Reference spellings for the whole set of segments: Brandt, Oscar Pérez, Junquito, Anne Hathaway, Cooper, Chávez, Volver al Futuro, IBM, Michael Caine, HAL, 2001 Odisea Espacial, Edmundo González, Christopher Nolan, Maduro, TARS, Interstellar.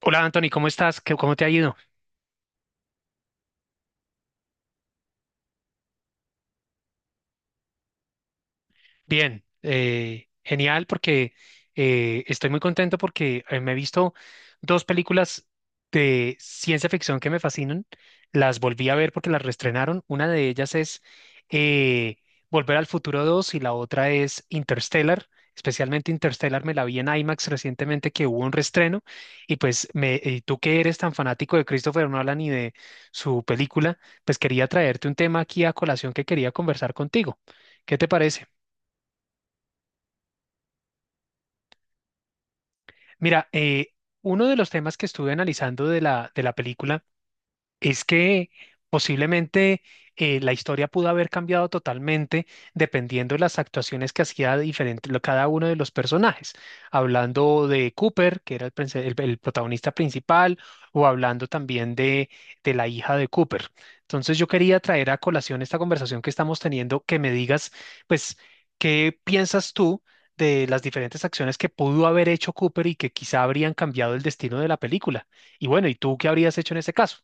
Hola Anthony, ¿cómo estás? ¿Cómo te ha ido? Bien, genial porque estoy muy contento porque me he visto dos películas de ciencia ficción que me fascinan. Las volví a ver porque las reestrenaron. Una de ellas es eh, Volver al Futuro 2 y la otra es Interstellar. Especialmente Interstellar me la vi en IMAX recientemente que hubo un reestreno y pues me, y tú que eres tan fanático de Christopher Nolan y de su película, pues quería traerte un tema aquí a colación que quería conversar contigo. ¿Qué te parece? Mira, uno de los temas que estuve analizando de la película es que posiblemente la historia pudo haber cambiado totalmente dependiendo de las actuaciones que hacía diferente cada uno de los personajes. Hablando de Cooper, que era el protagonista principal, o hablando también de la hija de Cooper. Entonces yo quería traer a colación esta conversación que estamos teniendo, que me digas, pues, ¿qué piensas tú de las diferentes acciones que pudo haber hecho Cooper y que quizá habrían cambiado el destino de la película? Y bueno, ¿y tú qué habrías hecho en ese caso?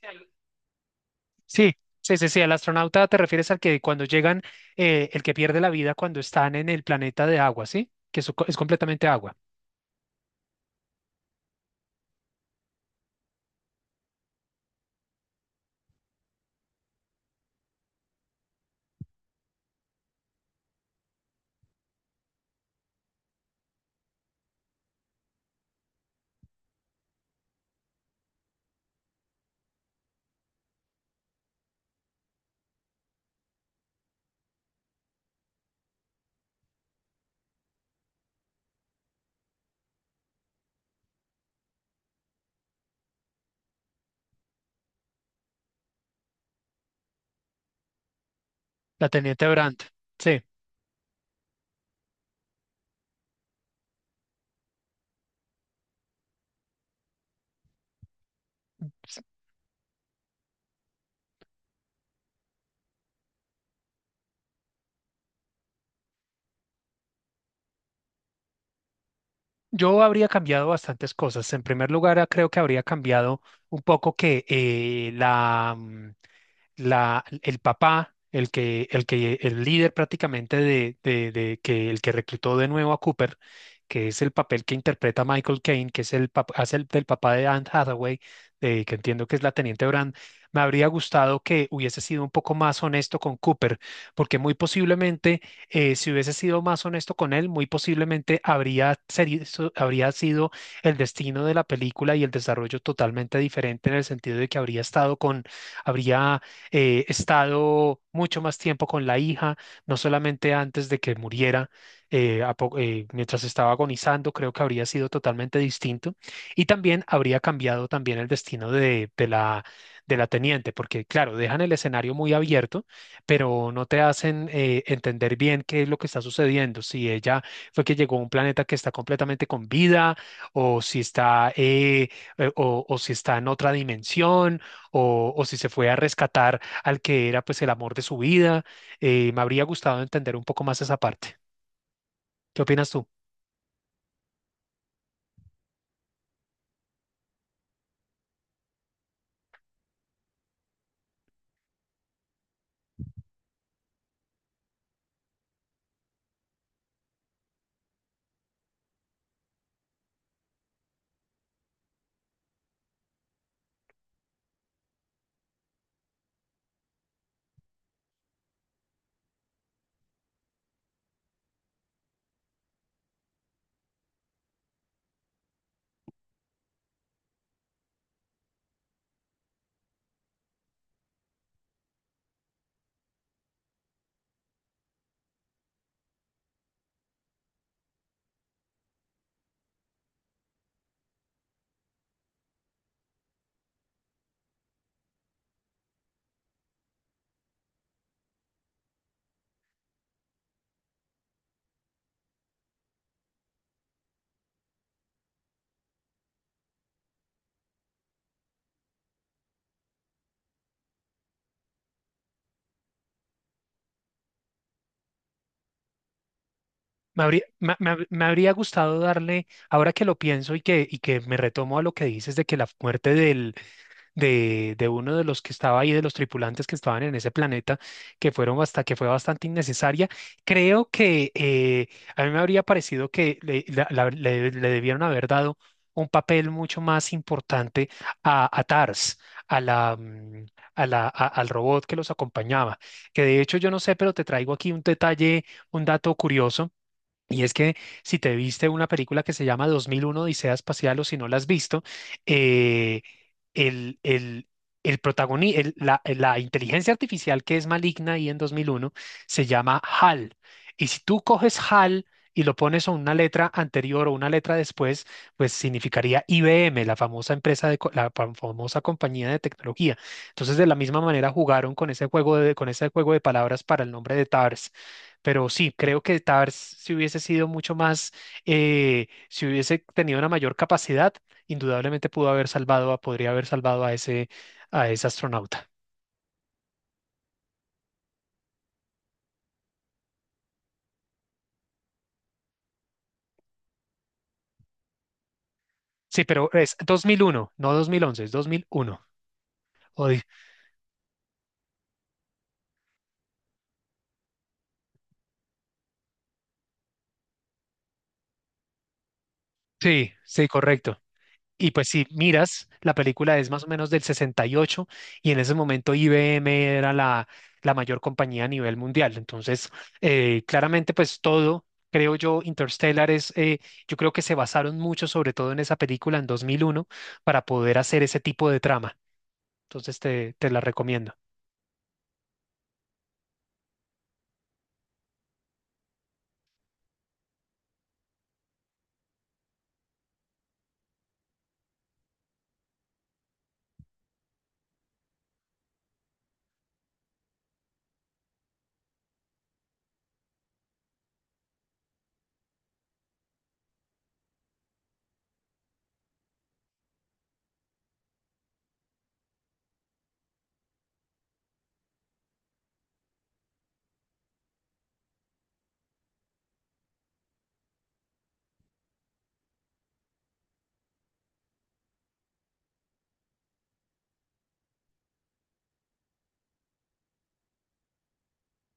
Sí, sí, sí, sí, sí, al astronauta te refieres al que cuando llegan, el que pierde la vida cuando están en el planeta de agua, ¿sí? Que eso es completamente agua. La Teniente Brandt. Sí. Yo habría cambiado bastantes cosas. En primer lugar, ah, creo que habría cambiado un poco que el papá, el líder prácticamente de que el que reclutó de nuevo a Cooper, que es el papel que interpreta Michael Caine, que es hace el del papá de Anne Hathaway, que entiendo que es la teniente Brand, me habría gustado que hubiese sido un poco más honesto con Cooper, porque muy posiblemente si hubiese sido más honesto con él, muy posiblemente habría sido el destino de la película y el desarrollo totalmente diferente en el sentido de que habría estado con, habría estado mucho más tiempo con la hija, no solamente antes de que muriera, mientras estaba agonizando, creo que habría sido totalmente distinto y también habría cambiado también el destino de la teniente, porque claro, dejan el escenario muy abierto pero no te hacen entender bien qué es lo que está sucediendo, si ella fue que llegó a un planeta que está completamente con vida, o si está, eh, o si está en otra dimensión, o si se fue a rescatar al que era pues el amor de su vida. Me habría gustado entender un poco más esa parte. ¿Qué opinas tú? Me me habría gustado darle, ahora que lo pienso y que me retomo a lo que dices de que la muerte de uno de los que estaba ahí, de los tripulantes que estaban en ese planeta, que fueron hasta que fue bastante innecesaria. Creo que a mí me habría parecido que le, la- la- le- le debieron haber dado un papel mucho más importante a TARS, a la, mm, a la, al robot que los acompañaba. Que de hecho yo no sé, pero te traigo aquí un detalle, un dato curioso. Y es que si te viste una película que se llama 2001 Odisea Espacial o si no la has visto, eh, el, el, el la inteligencia artificial que es maligna ahí en 2001 se llama HAL. Y si tú coges HAL y lo pones a una letra anterior o una letra después, pues significaría IBM, la famosa empresa de co- la fam- famosa compañía de tecnología. Entonces, de la misma manera jugaron con ese juego de, con ese juego de palabras para el nombre de TARS. Pero sí, creo que Tars si hubiese sido mucho más, si hubiese tenido una mayor capacidad, indudablemente pudo haber salvado podría haber salvado a ese astronauta. Sí, pero es 2001 no 2011, es 2001. O di- sí, sí, correcto. Y pues si miras, la película es más o menos del 68 y ocho y en ese momento IBM era la, la mayor compañía a nivel mundial. Entonces, claramente pues todo, creo yo, Interstellar es, yo creo que se basaron mucho sobre todo en esa película en 2001 para poder hacer ese tipo de trama. Entonces te la recomiendo.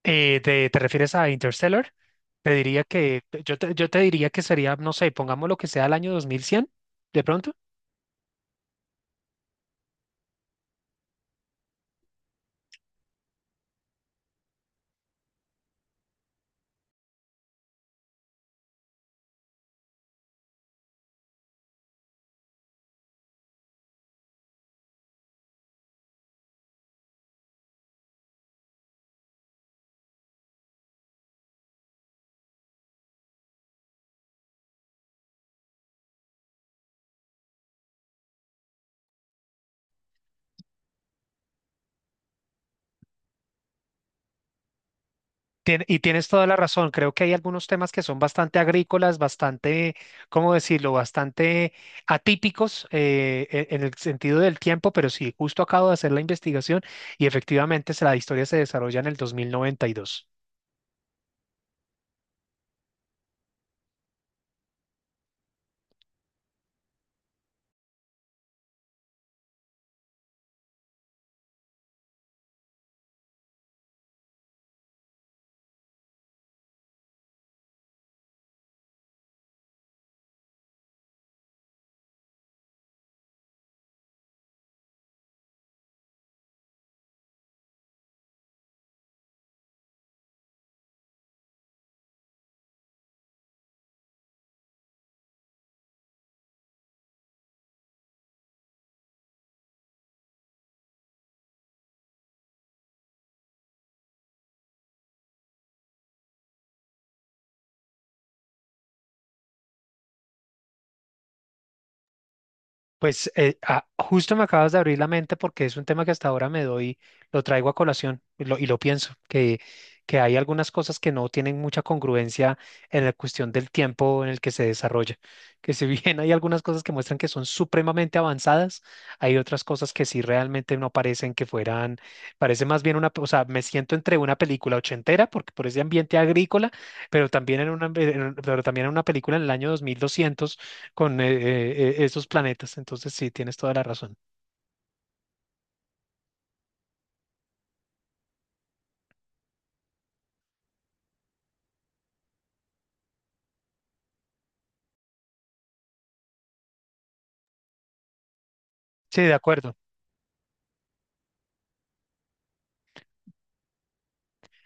¿Te ¿te, refieres a Interstellar? Te diría que yo te diría que sería, no sé, pongamos lo que sea el año 2100, de pronto. Y tienes toda la razón, creo que hay algunos temas que son bastante agrícolas, bastante, ¿cómo decirlo?, bastante atípicos en el sentido del tiempo, pero sí, justo acabo de hacer la investigación y efectivamente la historia se desarrolla en el 2092. Pues justo me acabas de abrir la mente porque es un tema que hasta ahora me doy, lo traigo a colación y lo pienso, que hay algunas cosas que no tienen mucha congruencia en la cuestión del tiempo en el que se desarrolla. Que si bien hay algunas cosas que muestran que son supremamente avanzadas, hay otras cosas que sí realmente no parecen que fueran, parece más bien una, o sea, me siento entre una película ochentera, porque por ese ambiente agrícola, pero también en una, pero también en una película en el año 2200 con esos planetas. Entonces, sí, tienes toda la razón. Sí, de acuerdo.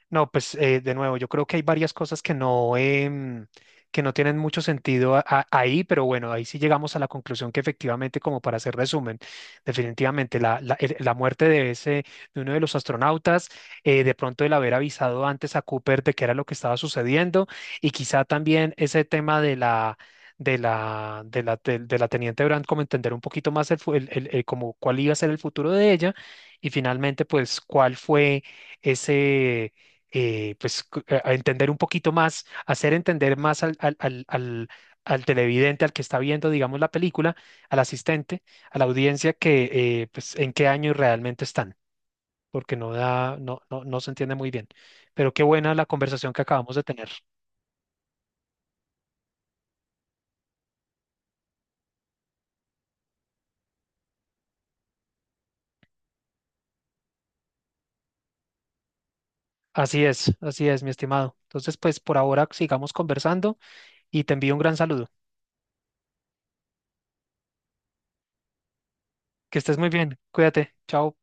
No, pues de nuevo, yo creo que hay varias cosas que no, que no tienen mucho sentido ahí, pero bueno, ahí sí llegamos a la conclusión que efectivamente, como para hacer resumen, definitivamente la, la muerte de ese, de uno de los astronautas, de pronto el haber avisado antes a Cooper de qué era lo que estaba sucediendo, y quizá también ese tema de la de la, de la, de la teniente Brand, como entender un poquito más el, fu- el- como cuál iba a ser el futuro de ella, y finalmente, pues, cuál fue ese pues, a entender un poquito más, hacer entender más al televidente, al que está viendo, digamos, la película, al asistente, a la audiencia, que, pues, en qué año realmente están, porque no da, no, no, no se entiende muy bien. Pero qué buena la conversación que acabamos de tener. Así es, mi estimado. Entonces, pues, por ahora sigamos conversando y te envío un gran saludo. Que estés muy bien. Cuídate. Chao.